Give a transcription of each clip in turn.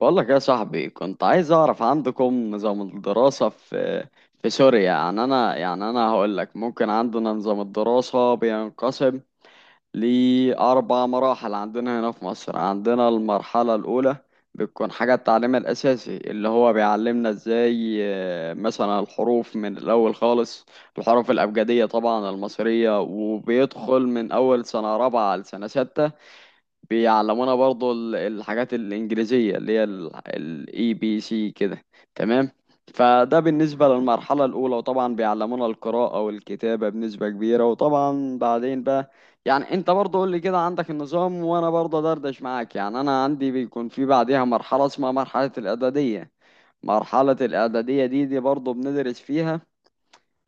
بقول لك يا صاحبي، كنت عايز اعرف عندكم نظام الدراسة في سوريا. يعني انا، هقول لك. ممكن عندنا نظام الدراسة بينقسم لأربع مراحل. عندنا هنا في مصر، عندنا المرحلة الأولى بتكون حاجة التعليم الأساسي اللي هو بيعلمنا ازاي، آه، مثلا الحروف من الأول خالص. الحروف الأبجدية طبعا المصرية، وبيدخل من أول سنة رابعة لسنة ستة. بيعلمونا برضو الحاجات الإنجليزية اللي هي الاي بي سي كده. تمام. فده بالنسبة للمرحلة الأولى، وطبعا بيعلمونا القراءة والكتابة بنسبة كبيرة. وطبعا بعدين بقى يعني أنت برضو قول لي كده عندك النظام، وأنا برضو دردش معاك. يعني أنا عندي بيكون في بعدها مرحلة اسمها مرحلة الإعدادية. مرحلة الإعدادية دي برضو بندرس فيها،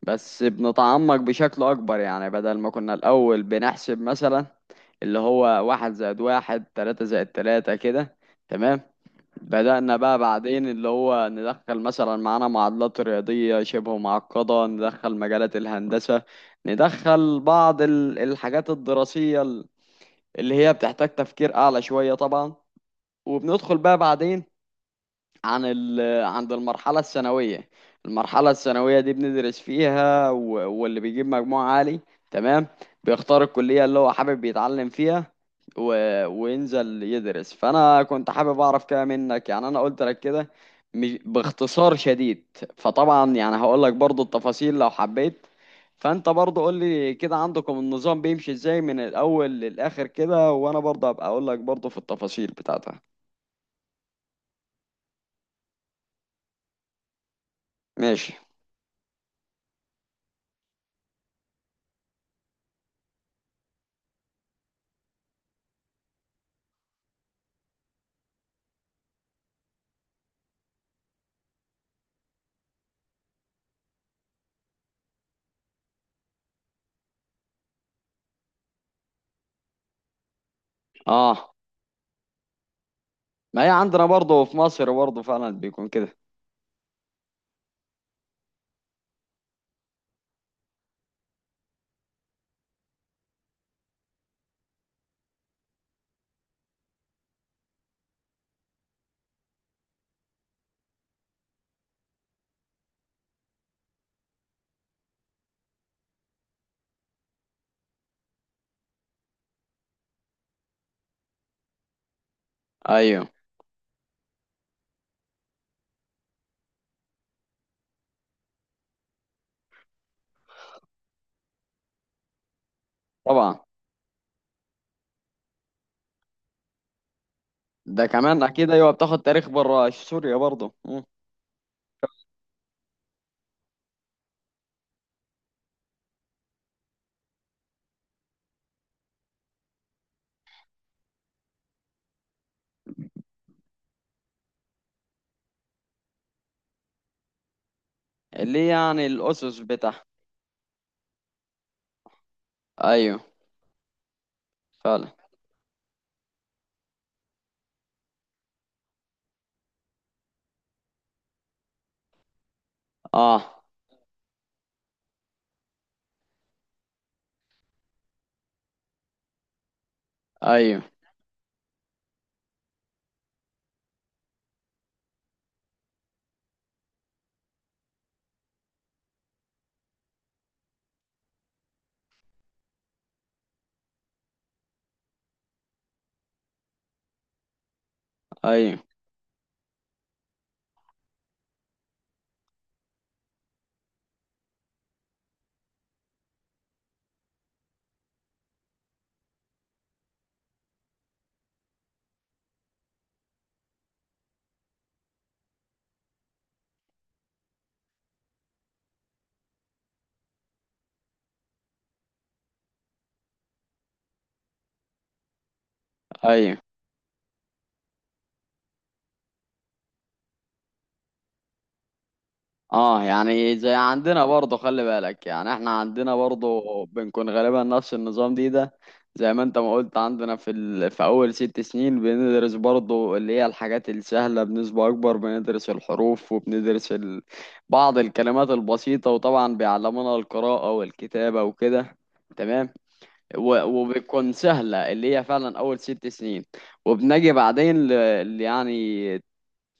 بس بنتعمق بشكل أكبر. يعني بدل ما كنا الأول بنحسب مثلا اللي هو واحد زائد واحد، تلاتة زائد تلاتة كده. تمام. بدأنا بقى بعدين اللي هو ندخل مثلا معانا معادلات رياضية شبه معقدة، ندخل مجالات الهندسة، ندخل بعض الحاجات الدراسية اللي هي بتحتاج تفكير أعلى شوية طبعا. وبندخل بقى بعدين عن عند المرحلة الثانوية. المرحلة الثانوية دي بندرس فيها، واللي بيجيب مجموع عالي تمام بيختار الكلية اللي هو حابب يتعلم فيها و... وينزل يدرس. فأنا كنت حابب أعرف كده منك. يعني أنا قلت لك كده باختصار شديد. فطبعا يعني هقول لك برضو التفاصيل لو حبيت. فأنت برضو قول لي كده عندكم النظام بيمشي إزاي من الأول للآخر كده، وأنا برضو هبقى أقول لك برضو في التفاصيل بتاعتها. ماشي. اه، ما هي عندنا برضه في مصر برضه فعلا بيكون كده. ايوه طبعا. ده كمان اكيد. ايوه، بتاخد تاريخ بره سوريا برضه. اللي هي يعني الاسس بتاعها. ايوه. فعلا. اه، ايوه. ايوه. ايوه. اه، يعني زي عندنا برضه. خلي بالك يعني احنا عندنا برضه بنكون غالبا نفس النظام ده. زي ما انت ما قلت عندنا في ال... في اول 6 سنين بندرس برضه اللي هي الحاجات السهلة بنسبة اكبر. بندرس الحروف وبندرس ال... بعض الكلمات البسيطة، وطبعا بيعلمونا القراءة والكتابة وكده. تمام. و... وبتكون سهلة اللي هي فعلا اول 6 سنين. وبنجي بعدين ل... يعني،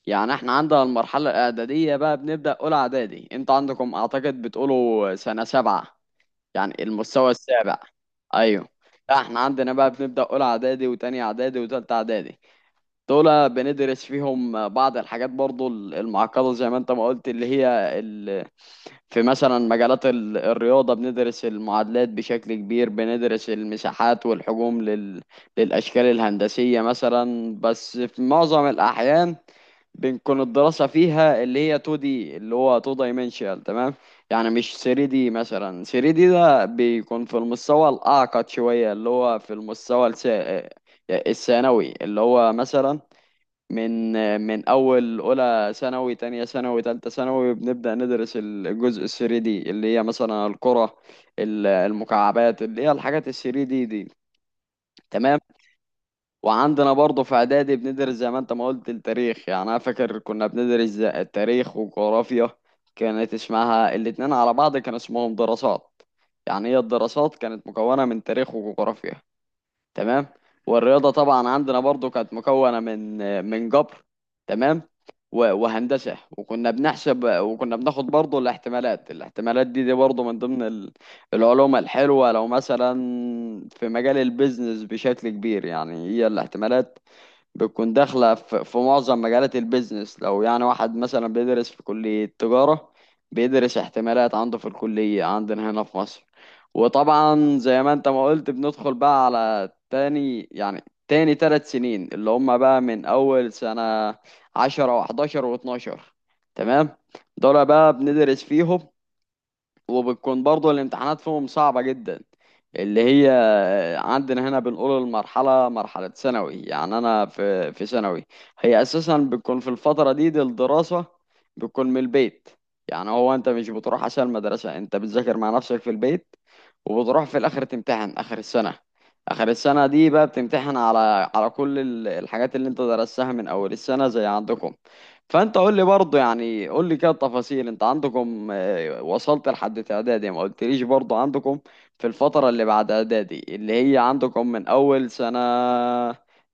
يعني احنا عندنا المرحلة الإعدادية بقى بنبدأ أولى إعدادي. انت عندكم أعتقد بتقولوا سنة سبعة، يعني المستوى السابع. أيوه. لا، احنا عندنا بقى بنبدأ أولى إعدادي وتانية إعدادي وتالتة إعدادي. دول بندرس فيهم بعض الحاجات برضو المعقدة، زي ما انت ما قلت اللي هي ال... في مثلا مجالات الرياضة بندرس المعادلات بشكل كبير، بندرس المساحات والحجوم لل... للأشكال الهندسية مثلا. بس في معظم الأحيان بنكون الدراسة فيها اللي هي 2D، اللي هو 2 dimensional. تمام. يعني مش 3D مثلا. 3D ده بيكون في المستوى الأعقد شوية، اللي هو في المستوى الثانوي. اللي هو مثلا من من اول اولى ثانوي، تانية ثانوي، تالتة ثانوي بنبدأ ندرس الجزء ال 3 دي، اللي هي مثلا الكرة، المكعبات، اللي هي الحاجات ال 3 دي. تمام. وعندنا برضه في اعدادي بندرس زي ما انت ما قلت التاريخ. يعني انا فاكر كنا بندرس التاريخ وجغرافيا، كانت اسمها الاتنين على بعض كان اسمهم دراسات. يعني هي الدراسات كانت مكونة من تاريخ وجغرافيا. تمام. والرياضة طبعا عندنا برضو كانت مكونة من جبر، تمام، وهندسة. وكنا بنحسب وكنا بناخد برضو الاحتمالات. الاحتمالات دي برضو من ضمن العلوم الحلوة. لو مثلا في مجال البيزنس بشكل كبير، يعني هي الاحتمالات بتكون داخلة في معظم مجالات البيزنس. لو يعني واحد مثلا بيدرس في كلية تجارة، بيدرس احتمالات عنده في الكلية عندنا هنا في مصر. وطبعا زي ما انت ما قلت بندخل بقى على تاني، يعني تاني 3 سنين اللي هما بقى من أول سنة عشرة وحداشر واتناشر. تمام. دول بقى بندرس فيهم، وبتكون برضه الامتحانات فيهم صعبة جدا. اللي هي عندنا هنا بنقول المرحلة مرحلة ثانوي. يعني أنا في ثانوي، هي أساسا بتكون في الفترة دي. الدراسة بتكون من البيت، يعني هو أنت مش بتروح عشان المدرسة، أنت بتذاكر مع نفسك في البيت. وبتروح في الآخر تمتحن آخر السنة. آخر السنة دي بقى بتمتحن على كل الحاجات اللي أنت درستها من أول السنة زي عندكم. فأنت قول لي برضه، يعني قول لي كده التفاصيل أنت عندكم. ايوه وصلت لحد اعدادي ما قلتليش برضو عندكم في الفترة اللي بعد اعدادي، اللي هي عندكم من اول سنة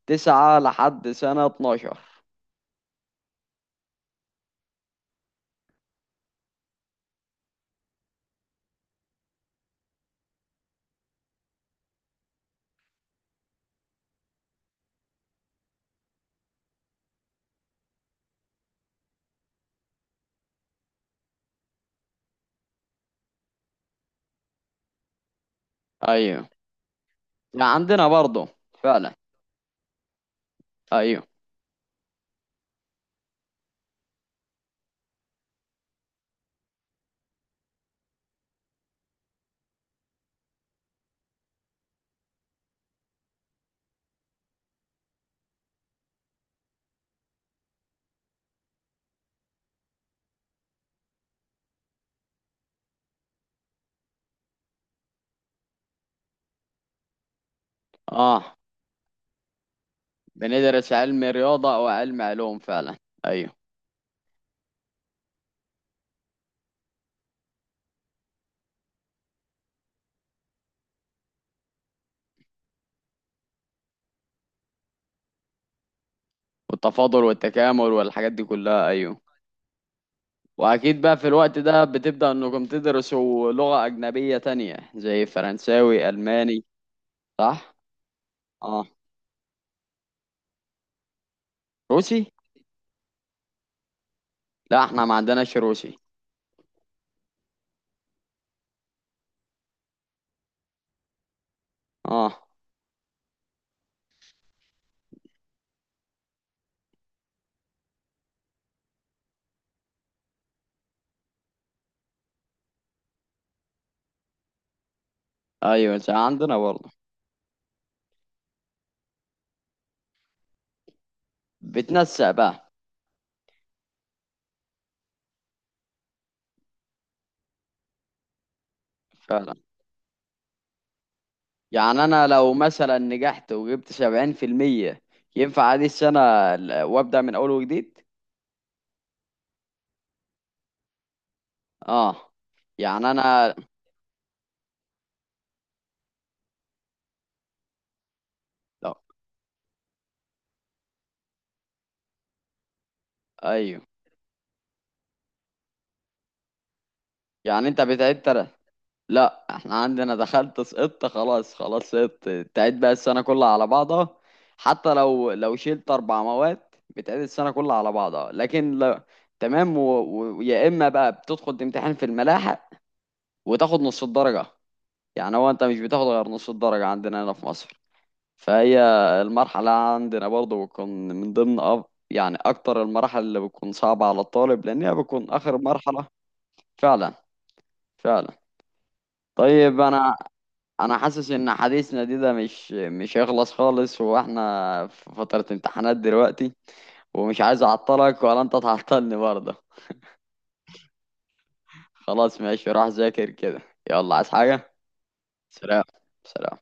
تسعة لحد سنة 12. ايوه. لا، عندنا برضو فعلا. ايوه. اه بندرس علم رياضة او علم علوم فعلا. ايوه. والتفاضل والتكامل والحاجات دي كلها، ايوه. واكيد بقى في الوقت ده بتبدأ انكم تدرسوا لغة اجنبية تانية زي فرنساوي، الماني. صح. اه، روسي. لا احنا ما عندناش روسي. اه، ايوه زي عندنا برضه. بتنسق بقى. فعلا. يعني انا لو مثلا نجحت وجبت 70% ينفع عادي السنة وابدأ من اول وجديد. اه يعني انا. لا. ايوه. يعني انت بتعيد ترى؟ لا احنا عندنا دخلت سقطت. خلاص خلاص سقطت، تعيد بقى السنة كلها على بعضها. حتى لو شلت 4 مواد بتعيد السنة كلها على بعضها، لكن لا. تمام. ويا اما بقى بتدخل تمتحن في الملاحق وتاخد نص الدرجة. يعني هو انت مش بتاخد غير نص الدرجة عندنا هنا في مصر. فهي المرحلة عندنا برضه بتكون من ضمن يعني أكتر المراحل اللي بتكون صعبة على الطالب، لأن هي بتكون آخر مرحلة. فعلا. فعلا. طيب أنا، أنا حاسس إن حديثنا ده مش هيخلص خالص، وإحنا في فترة امتحانات دلوقتي، ومش عايز أعطلك ولا أنت تعطلني برضه. خلاص ماشي، روح ذاكر كده. يلا، عايز حاجة؟ سلام. سلام.